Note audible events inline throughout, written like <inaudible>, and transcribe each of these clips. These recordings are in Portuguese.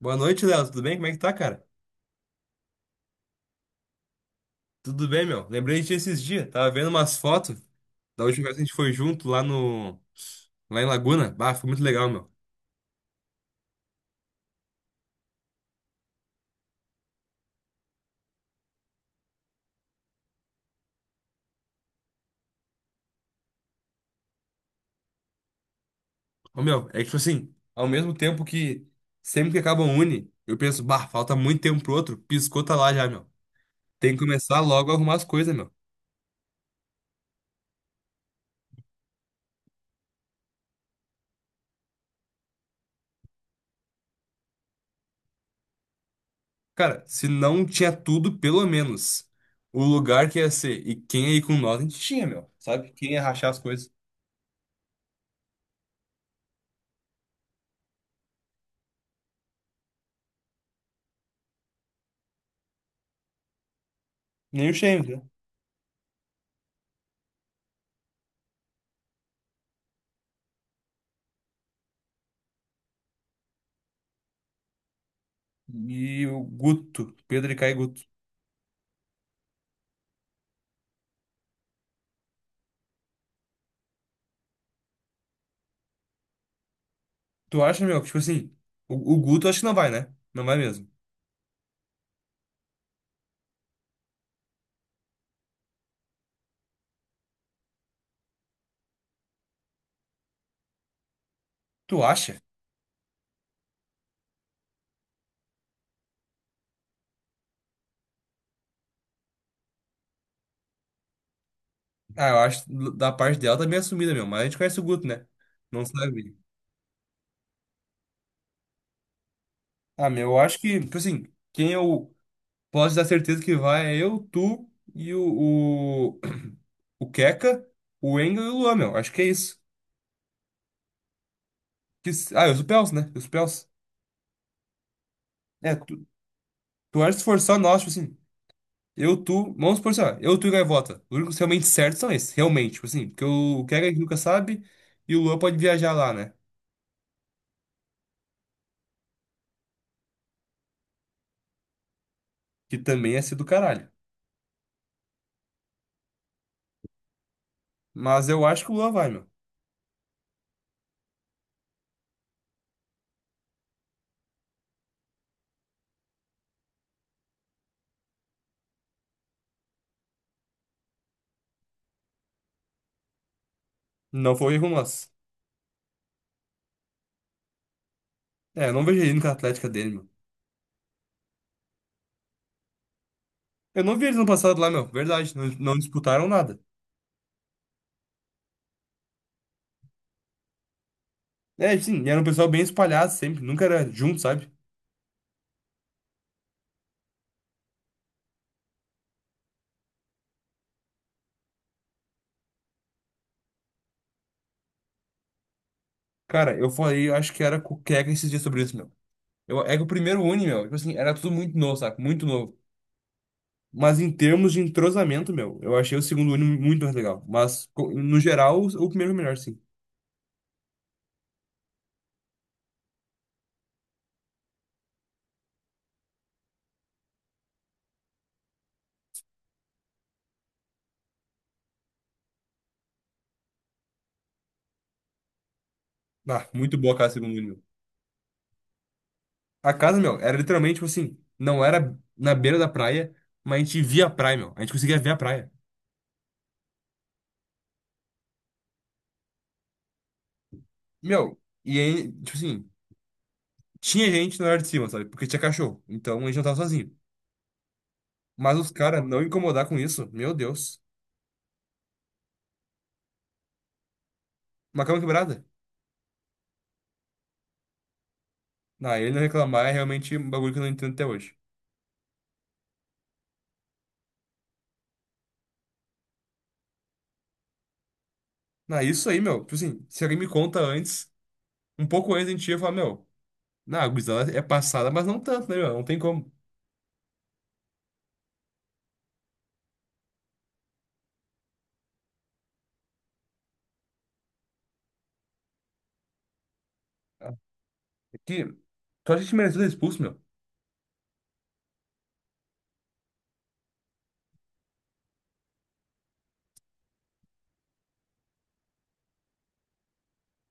Boa noite, Léo. Tudo bem? Como é que tá, cara? Tudo bem, meu. Lembrei de ti esses dias. Tava vendo umas fotos da última vez que a gente foi junto lá no... Lá em Laguna. Bah, foi muito legal, meu. Ô, meu, é que, tipo assim, ao mesmo tempo que sempre que acaba um uni, eu penso, bah, falta muito tempo pro outro. Piscou, tá lá já, meu. Tem que começar logo a arrumar as coisas, meu. Cara, se não tinha tudo, pelo menos o lugar que ia ser e quem ia ir com nós, a gente tinha, meu. Sabe? Quem ia rachar as coisas. Nem o Shane, né? E o Guto. Pedro e Caio Guto. Tu acha, meu, que, tipo assim, o Guto acho que não vai, né? Não vai mesmo. Tu acha? Ah, eu acho que da parte dela tá bem assumida, meu. Mas a gente conhece o Guto, né? Não sabe. Ah, meu, eu acho que, tipo assim, quem eu posso dar certeza que vai é eu, tu e <clears throat> o Keka, o Engel e o Luan, meu. Acho que é isso. Que, e os Pels, né? Os Pels. É, tu acha que se for só nós, tipo assim, eu, tu, vamos supor, assim, ó, eu, tu e Gaivota. Os únicos realmente certos são esses, realmente, tipo assim, porque o Keka a gente nunca sabe e o Luan pode viajar lá, né? que também é ser do caralho. Mas eu acho que o Lua vai, meu. Não foi erro nosso. É, eu não vejo ele indo com a Atlética dele, meu. Eu não vi eles no passado lá, meu. Verdade, não, não disputaram nada. É, sim, e era um pessoal bem espalhado sempre, nunca era junto, sabe? Cara, eu falei, eu acho que era com o Keka esses dias sobre isso, meu. É que o primeiro Uni, meu, tipo assim, era tudo muito novo, sabe? Muito novo. Mas em termos de entrosamento, meu, eu achei o segundo Uni muito mais legal. Mas, no geral, o primeiro é o melhor, sim. Ah, muito boa cara, o segundo Uni, meu. A casa, meu, era literalmente, tipo assim, não era na beira da praia, mas a gente via a praia, meu. A gente conseguia ver a praia. Meu, e aí, tipo assim, tinha gente na área de cima, sabe? Porque tinha cachorro. Então a gente não tava sozinho. Mas os caras não incomodar com isso, meu Deus. Uma cama quebrada. Na ele não reclamar é realmente um bagulho que eu não entendo até hoje. Na isso aí, meu, tipo assim, se alguém me conta antes, um pouco antes a gente ia falar, meu, na a gurizada é passada, mas não tanto, né, meu? Não tem como. É que tu acha que a gente merecia ser expulso, meu?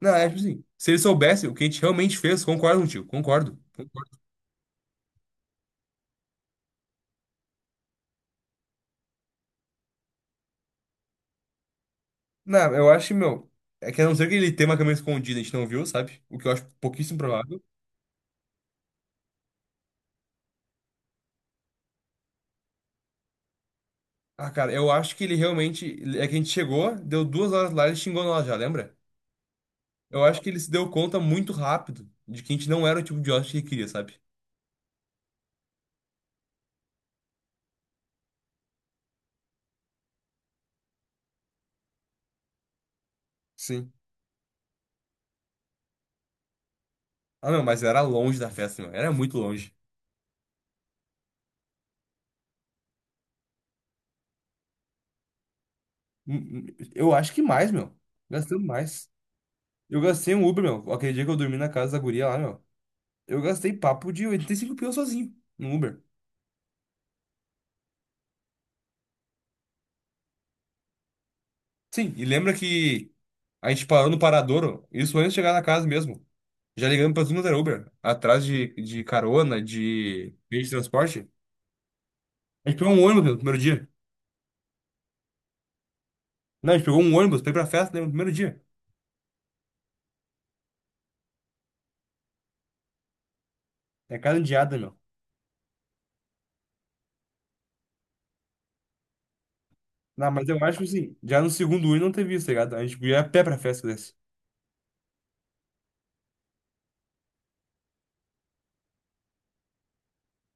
Não, é tipo assim. Se eles soubessem o que a gente realmente fez, concordo contigo, concordo. Não, eu acho, que, meu. É que a não ser que ele tenha uma câmera escondida, a gente não viu, sabe? O que eu acho pouquíssimo provável. Ah, cara, eu acho que ele realmente. É que a gente chegou, deu 2 horas lá, e ele xingou nós já, lembra? Eu acho que ele se deu conta muito rápido de que a gente não era o tipo de hóspede que ele queria, sabe? Sim. Ah, não, mas era longe da festa, meu. Era muito longe. Hum, hum, Eu acho que mais, meu. Gastamos mais. Eu gastei um Uber, meu. Aquele dia que eu dormi na casa da guria lá, meu. Eu gastei papo de 85 pila sozinho no Uber. Sim, e lembra que a gente parou no Paradouro, isso antes de chegar na casa mesmo. Já ligamos para tudo quanto era Uber, atrás de carona, de meio de transporte. A gente pegou um ônibus no primeiro dia. Não, a gente pegou um ônibus pra ir pra festa, né, no primeiro dia. É cada indiada, meu. Não, mas eu acho que assim, já no segundo Uber não teve isso, tá ligado? A gente ia a pé pra festa desse.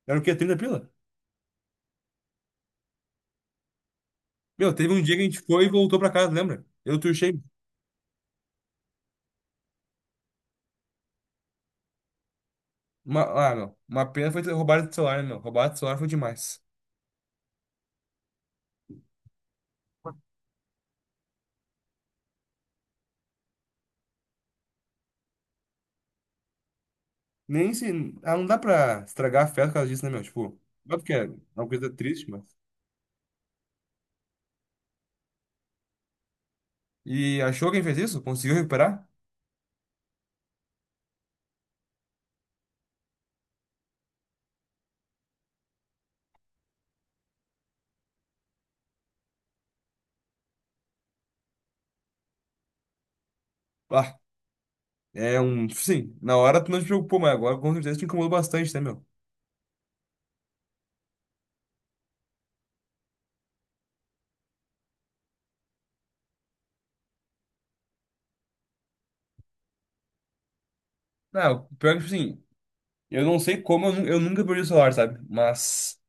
Era o quê? 30 pila? Meu, teve um dia que a gente foi e voltou pra casa, lembra? Eu turchei. Uma, uma pena foi ter roubado o celular, né, meu. Roubado o celular foi demais. Nem se. Ah, não dá pra estragar a festa por causa disso, né, meu? Tipo, óbvio que é uma coisa triste, mas. E achou quem fez isso? Conseguiu recuperar? Ah, é um. Tipo assim, na hora tu não te preocupou, mas agora com certeza te incomodou bastante, né, meu? Não, pior que, tipo assim, eu, não sei como eu nunca perdi o celular, sabe? Mas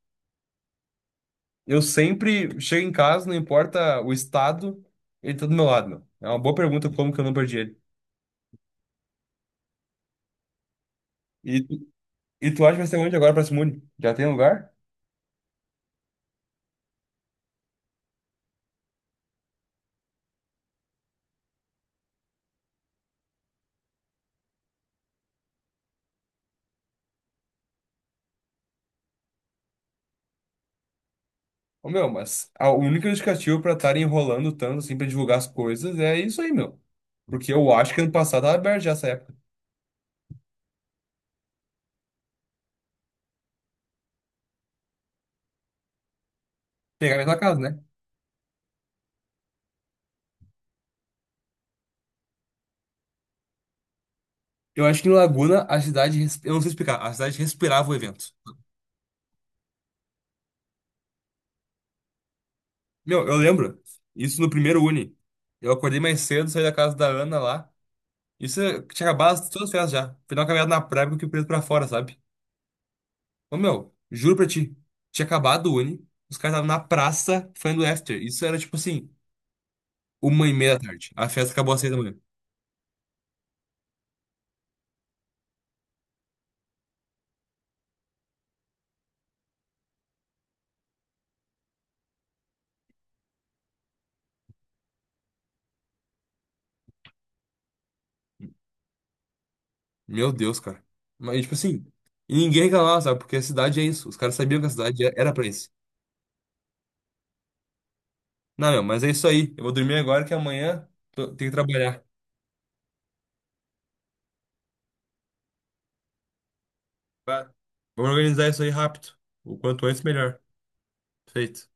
eu sempre chego em casa, não importa o estado, ele tá do meu lado, meu. É uma boa pergunta como que eu não perdi ele. E, tu- e tu acha que vai ser onde agora pra Simone? Já tem lugar? Ô, meu, mas a única justificativa pra estarem enrolando tanto assim pra divulgar as coisas é isso aí, meu. Porque eu acho que ano passado tava aberto já essa época. Pegar a mesma casa, né? Eu acho que em Laguna a cidade, eu não sei explicar, a cidade respirava o evento. Meu, eu lembro isso no primeiro Uni. Eu acordei mais cedo, saí da casa da Ana lá. Tinha acabado todas as festas já. Fui dar uma caminhada na praia porque o preso pra fora, sabe? Ô, meu, juro pra ti, tinha acabado o Uni, os caras estavam na praça fazendo after. Isso era tipo assim, 1h30 da tarde. A festa acabou às 6h da manhã. Meu Deus, cara. Mas, tipo assim, e ninguém reclamava, sabe? Porque a cidade é isso. Os caras sabiam que a cidade era pra isso. Não, meu, mas é isso aí. Eu vou dormir agora que amanhã tem que trabalhar. Tá? Vamos organizar isso aí rápido. O quanto antes, melhor. Feito.